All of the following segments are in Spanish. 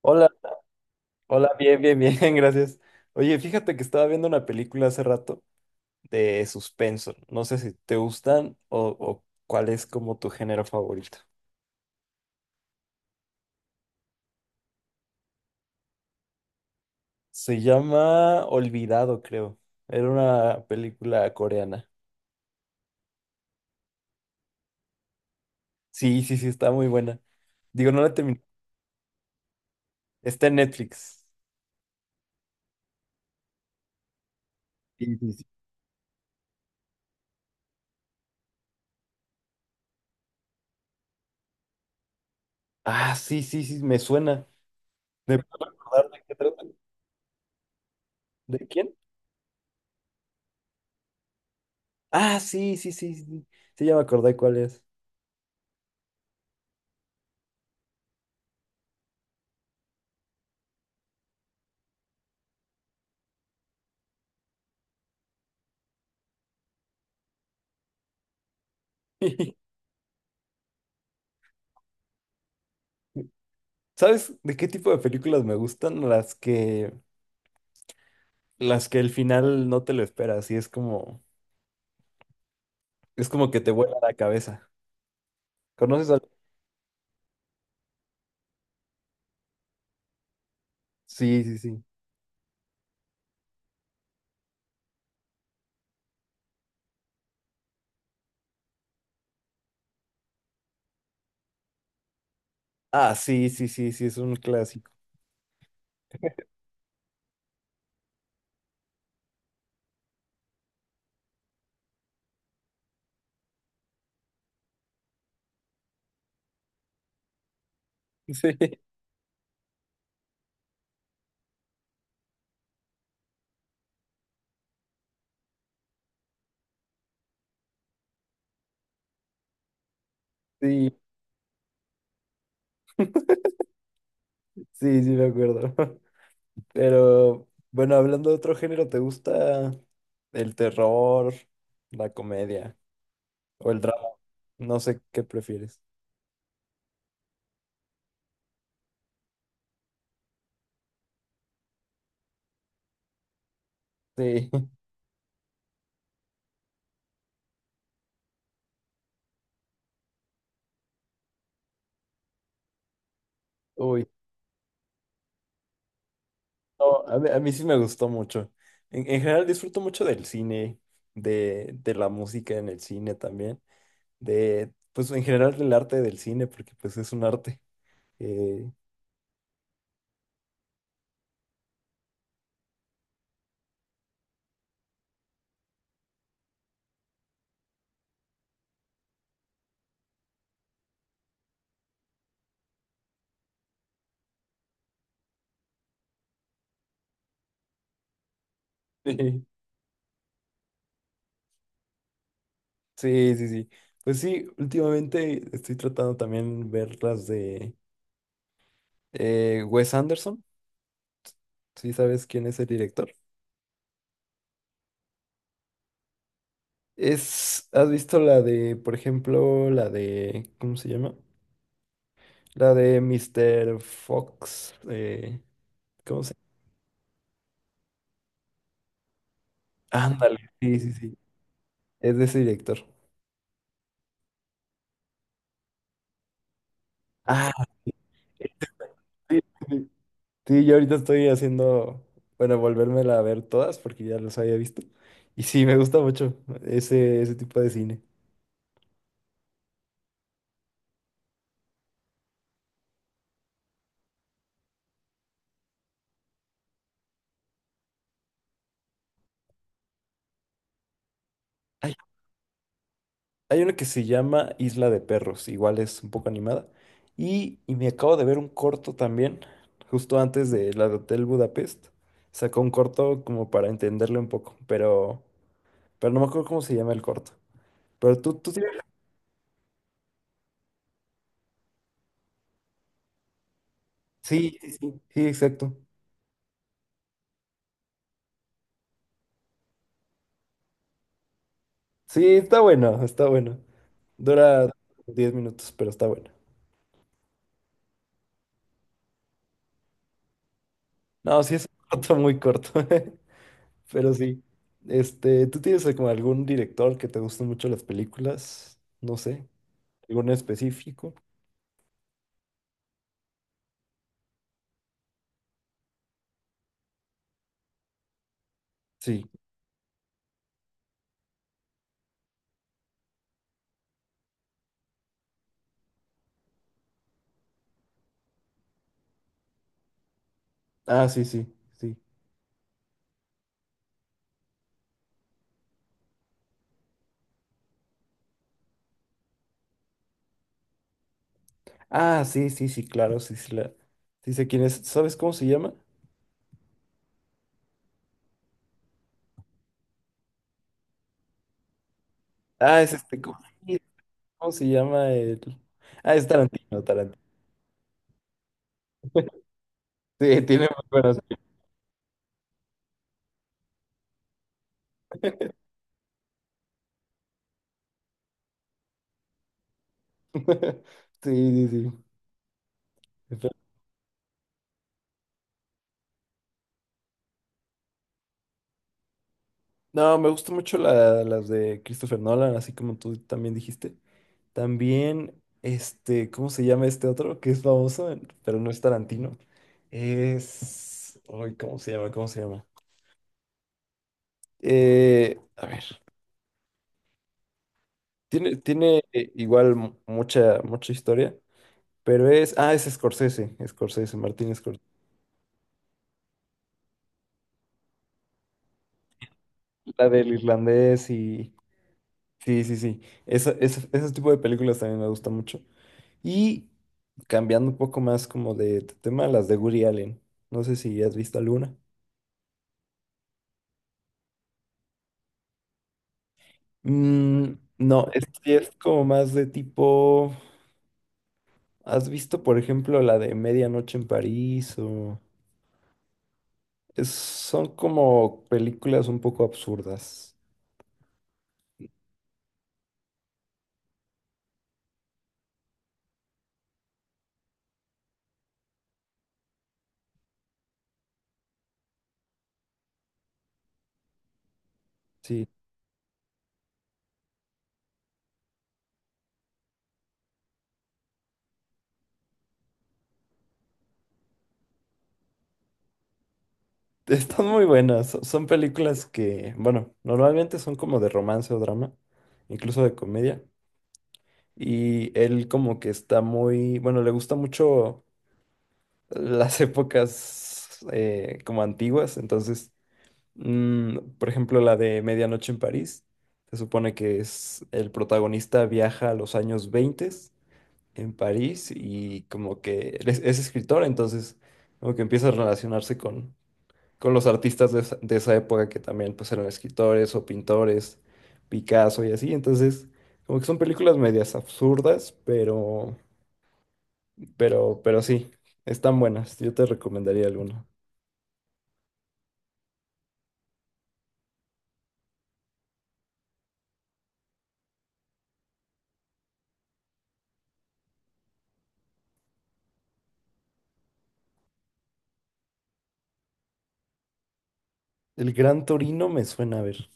Hola, hola, bien, bien, bien, gracias. Oye, fíjate que estaba viendo una película hace rato de suspenso. No sé si te gustan o cuál es como tu género favorito. Se llama Olvidado, creo. Era una película coreana. Sí, sí, sí, está muy buena. Digo, no la terminé. Está en Netflix. Sí, sí, sí. Ah, sí, sí, sí, me suena. ¿Me puedo acordar de qué trata? ¿De quién? Ah, sí, sí, sí, sí. Sí, ya me acordé cuál es. ¿Sabes de qué tipo de películas me gustan? Las que el final no te lo esperas y es como que te vuela la cabeza. ¿Conoces algo? Sí, sí, sí. Ah, sí, sí, sí, sí, es un clásico. Sí, sí, sí, sí, me acuerdo. Pero, bueno, hablando de otro género, ¿te gusta el terror, la comedia o el drama? No sé qué prefieres. Sí, uy. No, a mí sí me gustó mucho. En general disfruto mucho del cine, de la música en el cine también, de, pues en general del arte del cine, porque pues es un arte. eh, sí, sí, sí. Sí. Pues sí, últimamente estoy tratando también ver las de Wes Anderson, si sabes quién es el director. Es, ¿has visto la de, por ejemplo, la de, ¿cómo se llama? La de Mr. Fox, ¿cómo se Ándale, sí, sí, sí. Es de ese director. Ah, sí, sí. Sí, yo ahorita estoy haciendo, bueno, volvérmela a ver todas porque ya los había visto. Y sí, me gusta mucho ese, ese tipo de cine. Hay, hay una que se llama Isla de Perros, igual es un poco animada. Y me acabo de ver un corto también, justo antes de la de Hotel Budapest. Sacó un corto como para entenderle un poco, pero no me acuerdo cómo se llama el corto. Pero tú sí, sí, sí, sí, sí, exacto. Sí, está bueno, está bueno. Dura 10 minutos, pero está bueno. No, sí es un corto muy corto, pero sí. Este, ¿tú tienes como algún director que te gusten mucho las películas? No sé, ¿algún específico? Sí. Ah, sí, sí, sí. Ah, sí, sí, sí, claro, sí, sí, la... sí sé quién es. ¿Sabes cómo se llama? Ah, es este, ¿cómo, cómo se llama el...? Ah, es Tarantino, Tarantino. Sí, tiene muy buenas películas. Sí, sí, sí. No, me gustan mucho la- las de Christopher Nolan, así como tú también dijiste. También, este, ¿cómo se llama este otro? Que es famoso, en- pero no es Tarantino. Es... Ay, ¿cómo se llama? ¿Cómo se llama? A ver, tiene, tiene igual mu- mucha, mucha historia, pero es... Ah, es Scorsese, Scorsese, Martín Scorsese. La del irlandés. Sí, sí, sí. Esa- esa- ese tipo de películas también me gusta mucho. Y cambiando un poco más como de tema, las de Woody Allen. No sé si has visto alguna. Mm, no, es como más de tipo. ¿Has visto, por ejemplo, la de Medianoche en París? O es- son como películas un poco absurdas. Sí, están muy buenas. Son son películas que, bueno, normalmente son como de romance o drama, incluso de comedia. Y él como que está muy, bueno, le gusta mucho las épocas como antiguas, entonces, mm, por ejemplo, la de Medianoche en París, se supone que es el protagonista viaja a los años 20 en París y como que él es escritor, entonces como que empieza a relacionarse con los artistas de esa época que también pues eran escritores o pintores, Picasso y así, entonces como que son películas medias absurdas, pero... pero sí, están buenas. Yo te recomendaría alguna. El Gran Torino me suena a ver.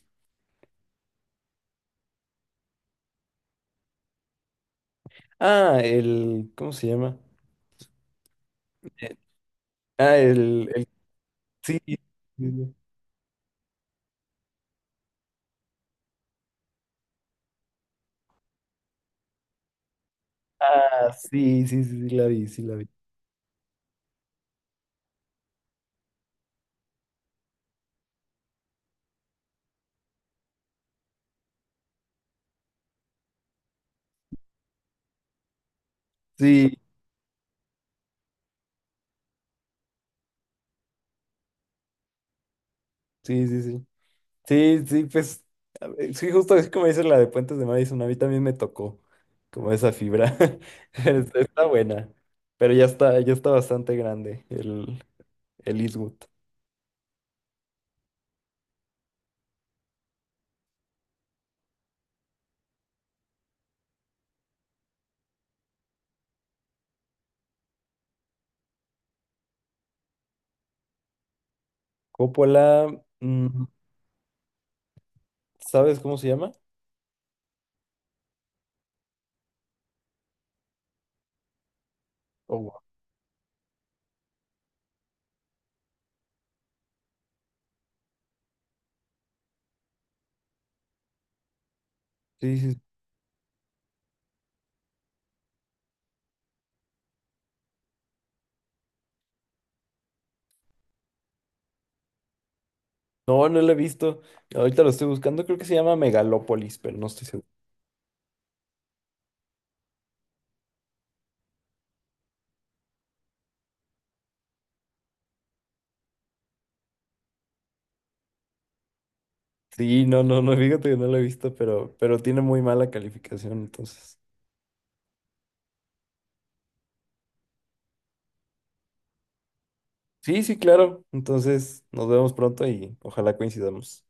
Ah, el, ¿cómo se llama? Eh, Ah, el, sí. Sí, sí. Ah, sí, sí, sí, sí, la vi, sí, la vi. Sí, sí, sí, sí. Sí, sí, pues, a ver, sí, justo así como dices la de Puentes de Madison, a mí también me tocó como esa fibra. Está está buena, pero ya está bastante grande el Eastwood. Coppola, mm, ¿sabes cómo se llama? Oh, sí, sí. Sí. No, no lo he visto. Ahorita lo estoy buscando. Creo que se llama Megalópolis, pero no estoy seguro. Sí, no, no, no, fíjate que no lo he visto, pero tiene muy mala calificación, entonces. Sí, sí, claro. Entonces, nos vemos pronto y ojalá coincidamos.